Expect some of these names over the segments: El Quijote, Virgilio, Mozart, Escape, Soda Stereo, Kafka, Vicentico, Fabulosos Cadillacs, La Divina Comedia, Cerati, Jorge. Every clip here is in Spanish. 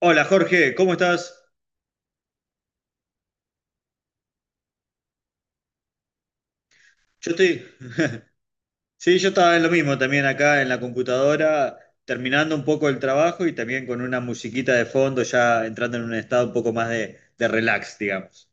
Hola Jorge, ¿cómo estás? Yo estoy, sí, yo estaba en lo mismo también acá en la computadora, terminando un poco el trabajo y también con una musiquita de fondo, ya entrando en un estado un poco más de relax, digamos.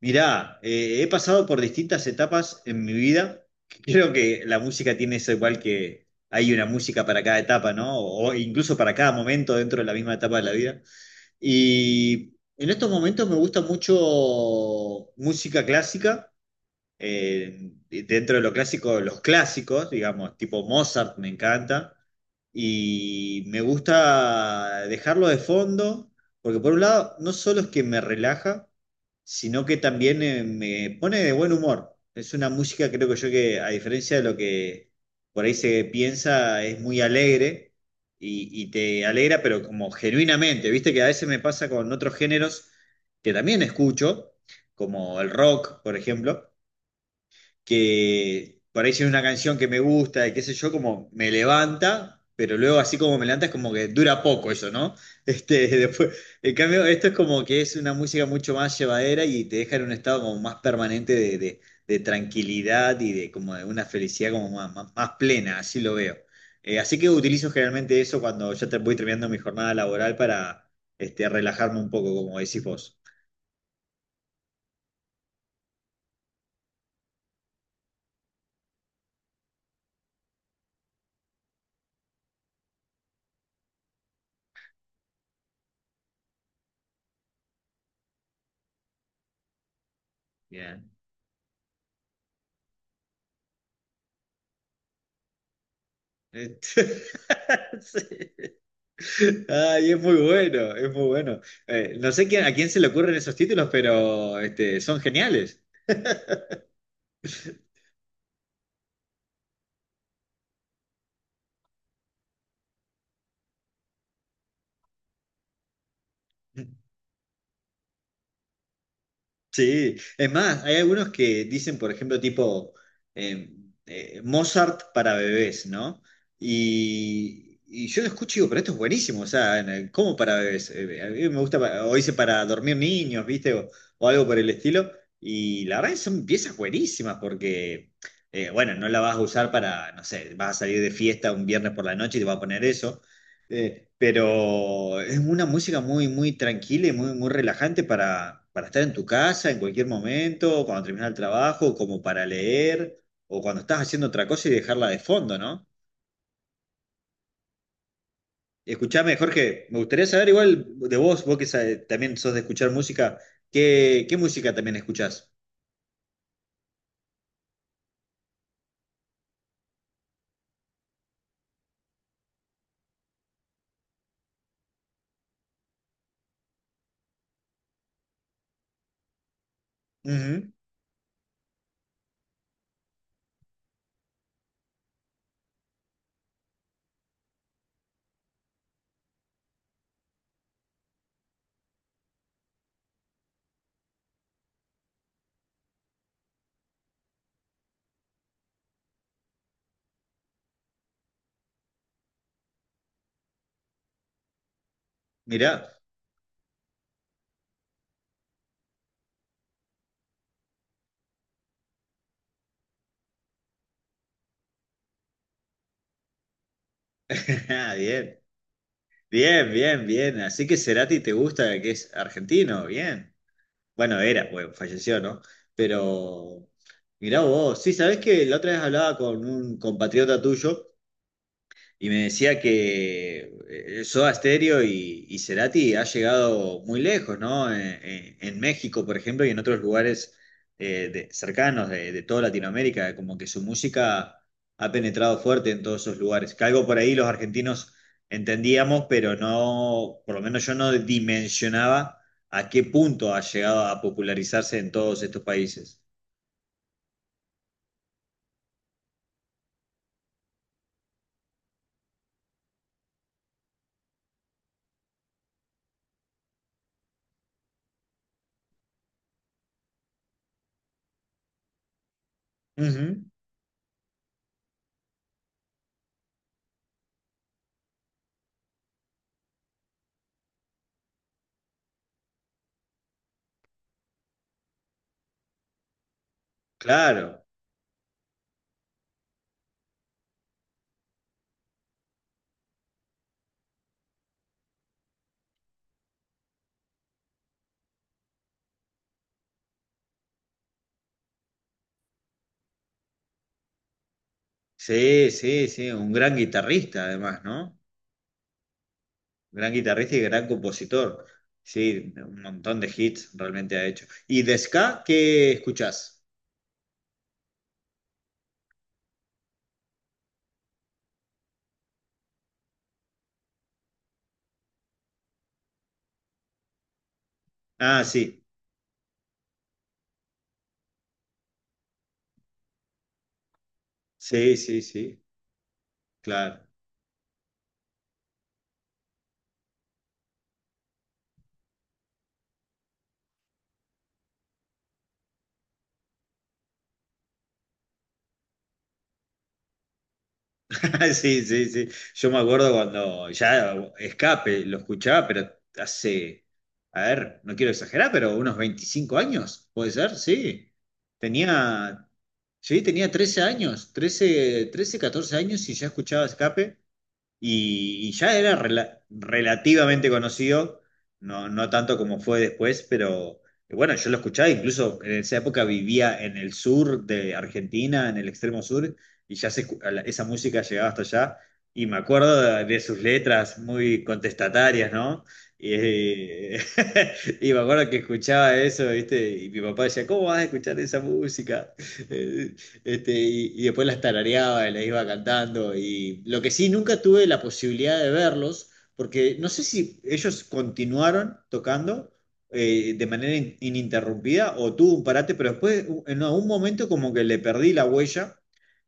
Mirá, he pasado por distintas etapas en mi vida. Creo que la música tiene eso igual que hay una música para cada etapa, ¿no? O incluso para cada momento dentro de la misma etapa de la vida. Y en estos momentos me gusta mucho música clásica. Dentro de lo clásico, los clásicos, digamos, tipo Mozart me encanta, y me gusta dejarlo de fondo, porque por un lado, no solo es que me relaja, sino que también me pone de buen humor. Es una música, creo que yo, que a diferencia de lo que por ahí se piensa, es muy alegre. Y te alegra, pero como genuinamente, viste que a veces me pasa con otros géneros que también escucho, como el rock, por ejemplo, que por ahí si hay una canción que me gusta y qué sé yo, como me levanta, pero luego así como me levanta es como que dura poco eso, ¿no? Este, después, en cambio, esto es como que es una música mucho más llevadera y te deja en un estado como más permanente de tranquilidad y de como de una felicidad como más, más plena, así lo veo. Así que utilizo generalmente eso cuando ya te voy terminando mi jornada laboral para este, relajarme un poco, como decís vos. Bien. Eh, sí. Ay, es muy bueno, es muy bueno. No sé quién- ¿A quién se le ocurren esos títulos? Pero este, son geniales. Sí, es más, hay algunos que dicen, por ejemplo, tipo eh, Mozart para bebés, ¿no? Y yo lo escucho y digo, pero esto es buenísimo, o sea, ¿cómo para bebés? A mí me gusta, o hice para dormir niños, ¿viste? O algo por el estilo. Y la verdad que son piezas buenísimas porque, bueno, no la vas a usar para, no sé, vas a salir de fiesta un viernes por la noche y te vas a poner eso, pero es una música muy, muy tranquila y muy, muy relajante para estar en tu casa en cualquier momento, cuando terminas el trabajo, como para leer, o cuando estás haciendo otra cosa y dejarla de fondo, ¿no? Escuchame, Jorge, me gustaría saber igual de vos, también sos de escuchar música, ¿qué, qué música también escuchás? Ujú, mirá, bien, bien, bien, bien. Así que Cerati te gusta, que es argentino, bien. Bueno, era, pues falleció, ¿no? Pero mirá vos, sí, sabés que la otra vez hablaba con un compatriota tuyo y me decía que Soda Stereo y Cerati ha llegado muy lejos, ¿no? En México, por ejemplo, y en otros lugares cercanos de toda Latinoamérica, como que su música ha penetrado fuerte en todos esos lugares. Que algo por ahí los argentinos entendíamos, pero no, por lo menos yo no dimensionaba a qué punto ha llegado a popularizarse en todos estos países. Ujú, claro, sí, sí, sí, un gran guitarrista además, ¿no? Gran guitarrista y gran compositor. Sí, un montón de hits realmente ha hecho. ¿Y de ska qué escuchás? Ah, sí, sí, sí, sí, claro. Sí, sí, sí. Yo me acuerdo cuando ya Escape lo escuchaba, pero hace, a ver, no quiero exagerar, pero unos 25 años, puede ser, sí. Tenía, sí, tenía 13 años, 14 años y ya escuchaba Escape. Y ya era relativamente conocido, no, no tanto como fue después, pero bueno, yo lo escuchaba, incluso en esa época vivía en el sur de Argentina, en el extremo sur, y ya se escu- a la- esa música llegaba hasta allá, y me acuerdo de sus letras muy contestatarias, ¿no? Y, y me acuerdo que escuchaba eso, ¿viste? Y mi papá decía, ¿cómo vas a escuchar esa música? Este, y después las tarareaba y las iba cantando. Y lo que sí, nunca tuve la posibilidad de verlos, porque no sé si ellos continuaron tocando de manera ininterrumpida o tuvo un parate, pero después en algún momento como que le perdí la huella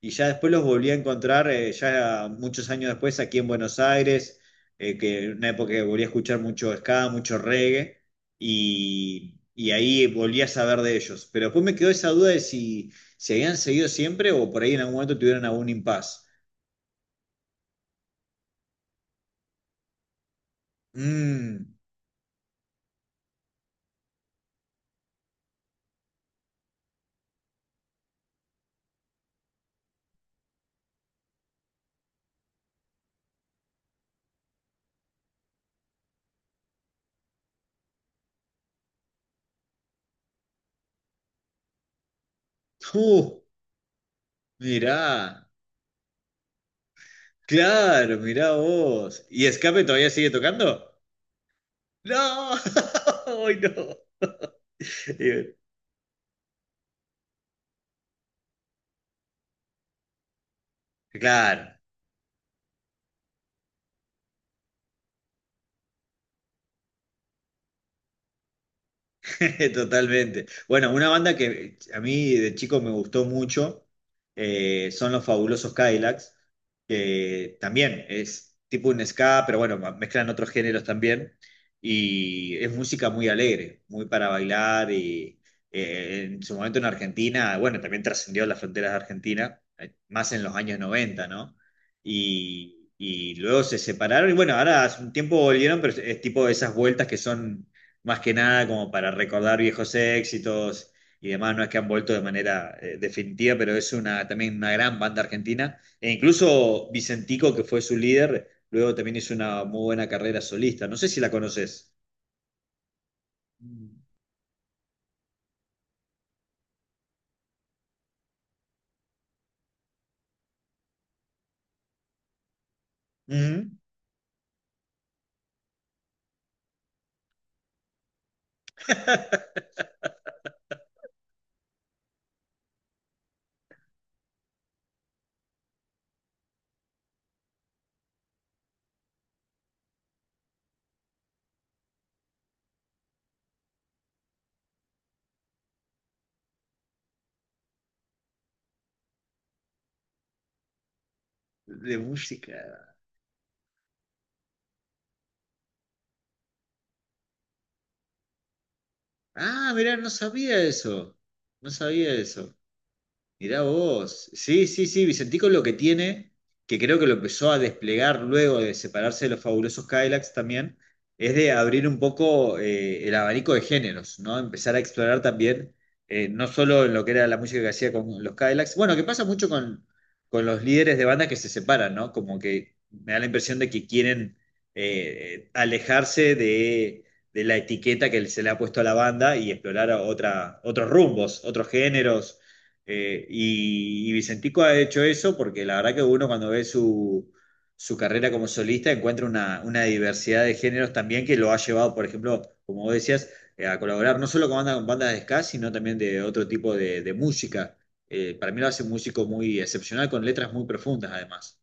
y ya después los volví a encontrar ya muchos años después aquí en Buenos Aires, que en una época que volví a escuchar mucho ska, mucho reggae y ahí volví a saber de ellos. Pero después me quedó esa duda de si ¿se habían seguido siempre o por ahí en algún momento tuvieron algún impas? Mmm, uh, mirá, claro, mirá vos. ¿Y Escape todavía sigue tocando? No, hoy no. Y- Claro. Totalmente. Bueno, una banda que a mí de chico me gustó mucho son los Fabulosos Cadillacs, que también es tipo un ska, pero bueno, mezclan otros géneros también. Y es música muy alegre, muy para bailar. Y en su momento en Argentina, bueno, también trascendió las fronteras de Argentina, más en los años noventa, ¿no? Y luego se separaron y bueno, ahora hace un tiempo volvieron, pero es tipo esas vueltas que son más que nada como para recordar viejos éxitos y demás, no es que han vuelto de manera definitiva, pero es una, también una gran banda argentina. E incluso Vicentico, que fue su líder, luego también hizo una muy buena carrera solista. No sé si la conoces. Mm. Ujú. De música. Ah, mirá, no sabía eso. No sabía eso. Mirá vos. Sí, sí, sí, Vicentico lo que tiene, que creo que lo empezó a desplegar luego de separarse de los fabulosos Cadillacs también, es de abrir un poco el abanico de géneros, ¿no? Empezar a explorar también, no solo en lo que era la música que hacía con los Cadillacs, bueno, que pasa mucho con los líderes de banda que se separan, ¿no? Como que me da la impresión de que quieren alejarse de la etiqueta que se le ha puesto a la banda y explorar otra, otros rumbos, otros géneros y Vicentico ha hecho eso porque la verdad que uno cuando ve su, su carrera como solista encuentra una diversidad de géneros también que lo ha llevado, por ejemplo, como vos decías, a colaborar no solo con bandas de ska, sino también de otro tipo de música. Para mí lo hace un músico muy excepcional con letras muy profundas además.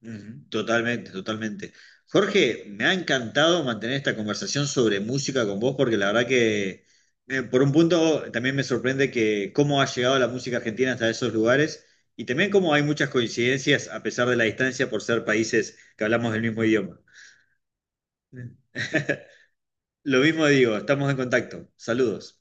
Ujú, totalmente, totalmente. Jorge, me ha encantado mantener esta conversación sobre música con vos porque la verdad que por un punto también me sorprende que cómo ha llegado la música argentina hasta esos lugares y también cómo hay muchas coincidencias a pesar de la distancia por ser países que hablamos del mismo idioma. Lo mismo digo, estamos en contacto. Saludos.